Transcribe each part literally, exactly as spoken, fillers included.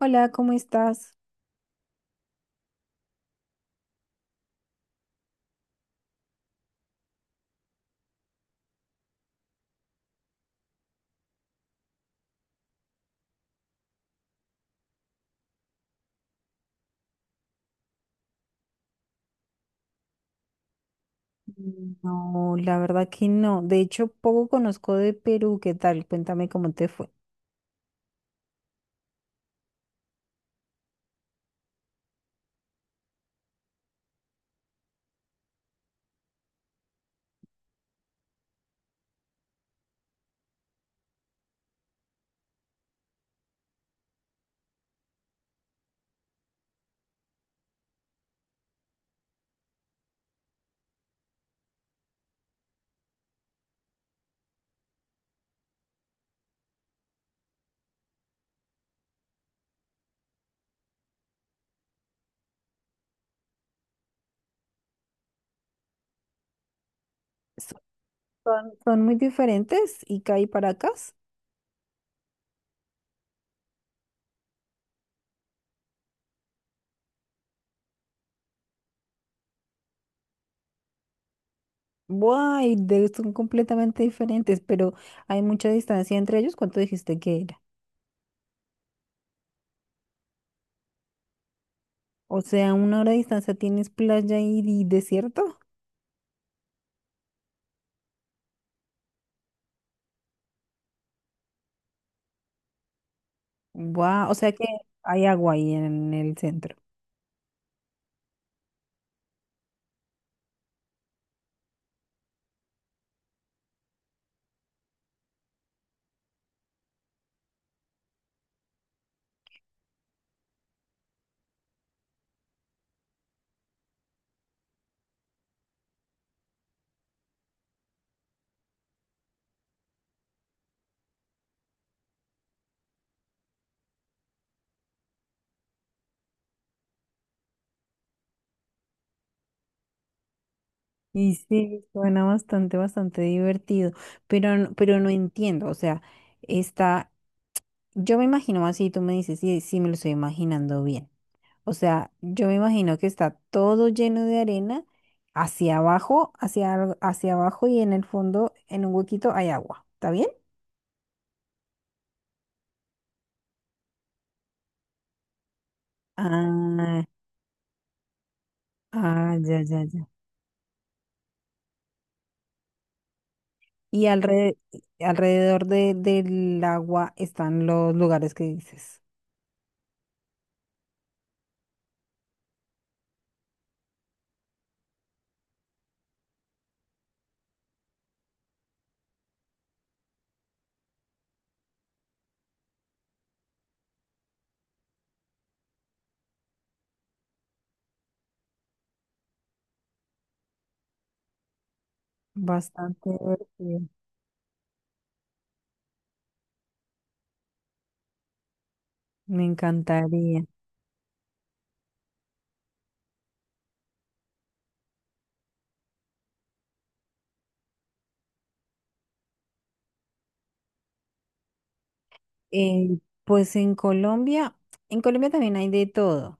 Hola, ¿cómo estás? No, la verdad que no. De hecho, poco conozco de Perú. ¿Qué tal? Cuéntame cómo te fue. ¿Son, son- son muy diferentes Ica y Paracas? Buah, y de- son completamente diferentes, pero hay mucha distancia entre ellos. ¿Cuánto dijiste que era? O sea, una hora de distancia tienes playa y, y desierto. ¡Guau! O sea que hay agua ahí en el centro. Y sí, suena bastante, bastante divertido, pero, no- pero no entiendo, o sea, está. Yo me imagino así, tú me dices, sí, sí, me lo estoy imaginando bien. O sea, yo me imagino que está todo lleno de arena hacia abajo, hacia, al- hacia abajo y en el fondo, en un huequito, hay agua. ¿Está bien? Ah, ah, ya, ya, ya. Y alre- alrededor de- del agua están los lugares que dices. Bastante divertido. Me encantaría. Eh, pues en Colombia, en Colombia también hay de todo.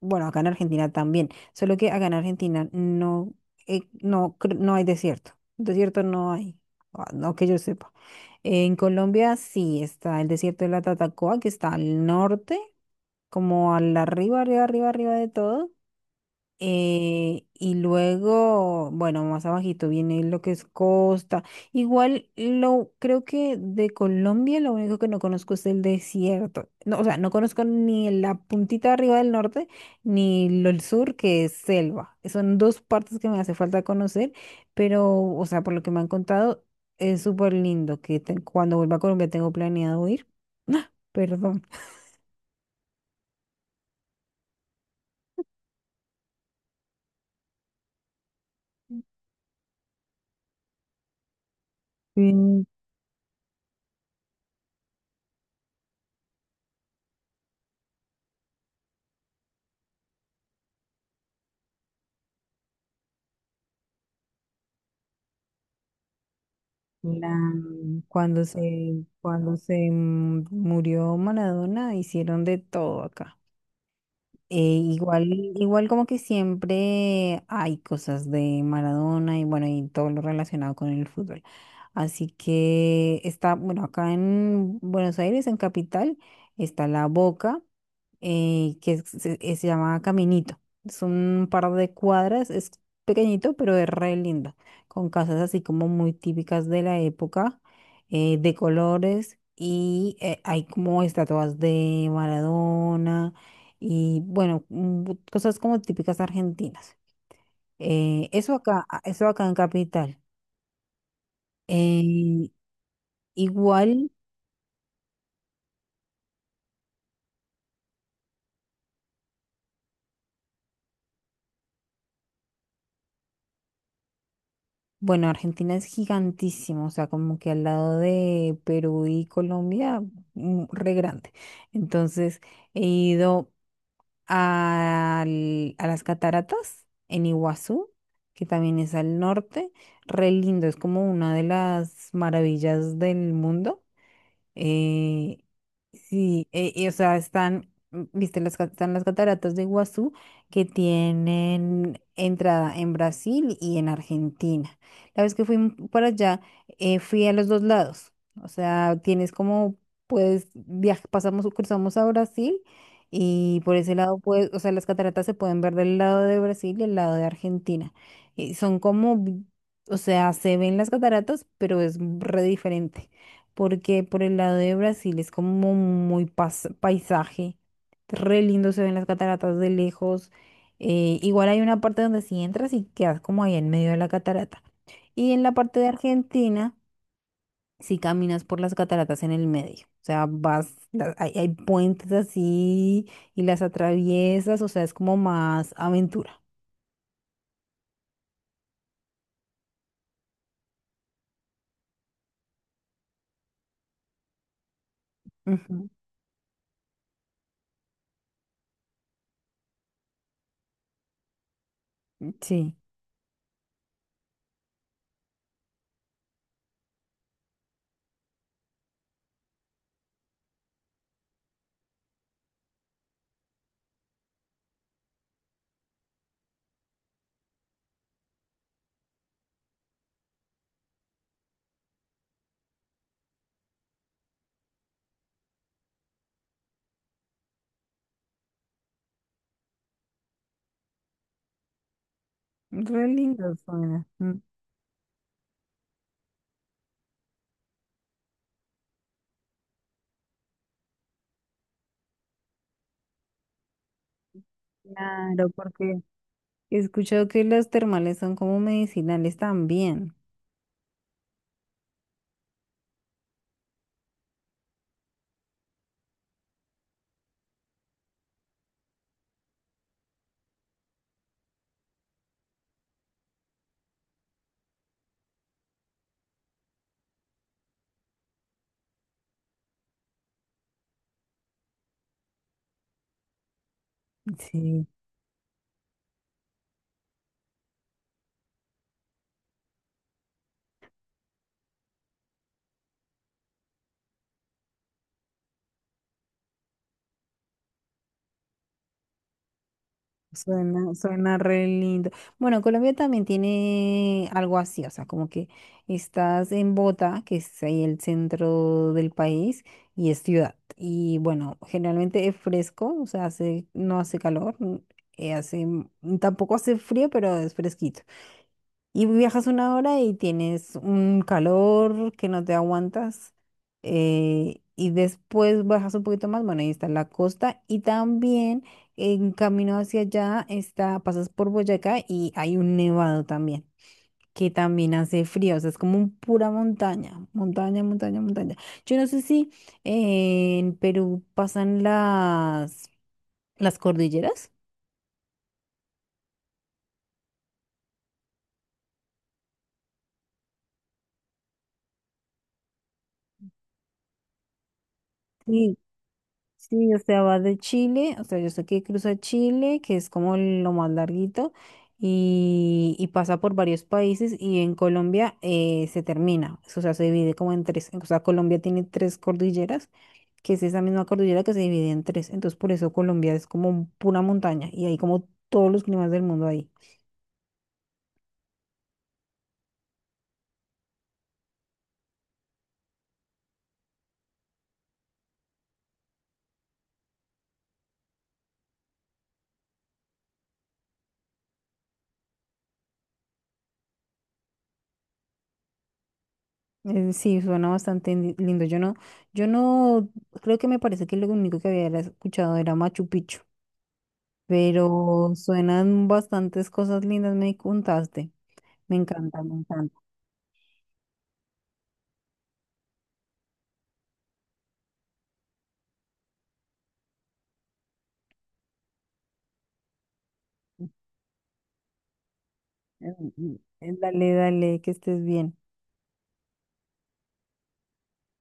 Bueno, acá en Argentina también, solo que acá en Argentina no, eh, no, cre- no hay desierto. Desierto no hay, ah, no que yo sepa. En Colombia sí está el desierto de la Tatacoa, que está al norte, como al arriba, arriba, arriba, arriba de todo. Eh, y luego, bueno, más abajito viene lo que es costa. Igual lo creo que de Colombia lo único que no conozco es el desierto. No, o sea, no conozco ni la puntita arriba del norte ni lo del sur, que es selva. Son dos partes que me hace falta conocer, pero, o sea, por lo que me han contado, es súper lindo que te- cuando vuelva a Colombia tengo planeado ir. Perdón. Sí. La, mm, cuando se, cuando se m- murió Maradona, hicieron de todo acá. Eh, igual, igual como que siempre hay cosas de Maradona y bueno, y todo lo relacionado con el fútbol. Así que está, bueno, acá en Buenos Aires, en Capital, está la Boca, eh, que se, eh, se llama Caminito. Es un par de cuadras, es pequeñito, pero es re lindo, con casas así como muy típicas de la época, eh, de colores, y eh, hay como estatuas de Maradona y bueno, mm, cosas como típicas argentinas. Eh, eso acá, a- eso acá en Capital. Eh, igual Bueno, Argentina es gigantísimo, o sea, como que al lado de Perú y Colombia, mm, re grande. Entonces, he ido al- a las cataratas en Iguazú, que también es al norte, re lindo, es como una de las maravillas del mundo. Eh, sí, eh, y, o sea, están, mm, viste, las, ca- están las cataratas de Iguazú que tienen entrada en Brasil y en Argentina. La vez que fui m- para allá, eh, fui a los dos lados. O sea, tienes como, pues, viaj- pasamos, o cruzamos a Brasil y por ese lado, pues, o sea, las cataratas se pueden ver del lado de Brasil y el lado de Argentina. Y son como, vi- o sea, se ven las cataratas, pero es re diferente porque por el lado de Brasil es como muy pas- paisaje, re lindo se ven las cataratas de lejos, eh, igual hay una parte donde si entras y quedas como ahí en medio de la catarata, y en la parte de Argentina si caminas por las cataratas en el medio, o sea, vas, la- hay, hay puentes así y las atraviesas, o sea, es como más aventura. Ujú. Sí, re lindo suena. Mm. Claro, porque he escuchado que los termales son como medicinales también. Sí. Suena, suena re lindo. Bueno, Colombia también tiene algo así, o sea, como que estás en Bogotá, que es ahí el centro del país, y es ciudad. Y bueno, generalmente es fresco, o sea, hace, no hace calor, mm, eh, hace, mm, tampoco hace frío, pero es fresquito. Y viajas una hora y tienes un calor que no te aguantas. Eh, y después bajas un poquito más, bueno, ahí está la costa. Y también en camino hacia allá está, pasas por Boyacá y hay un nevado también, que también hace frío. O sea, es como un pura montaña, montaña, montaña, montaña. Yo no sé si eh, en Perú pasan las, las cordilleras. Sí. Sí, o sea, va de Chile, o sea, yo sé que cruza Chile, que es como lo más larguito, y, y pasa por varios países y en Colombia eh, se termina, o sea, se divide como en tres, o sea, Colombia tiene tres cordilleras, que es esa misma cordillera que se divide en tres, entonces por eso Colombia es como pura montaña y hay como todos los climas del mundo ahí. Eh, Sí, suena bastante li- lindo. Yo no, yo no, creo que me parece que lo único que había era escuchado era Machu Picchu. Pero suenan bastantes cosas lindas, me contaste. Me encanta, me encanta. Mm, mm. Dale, dale, que estés bien.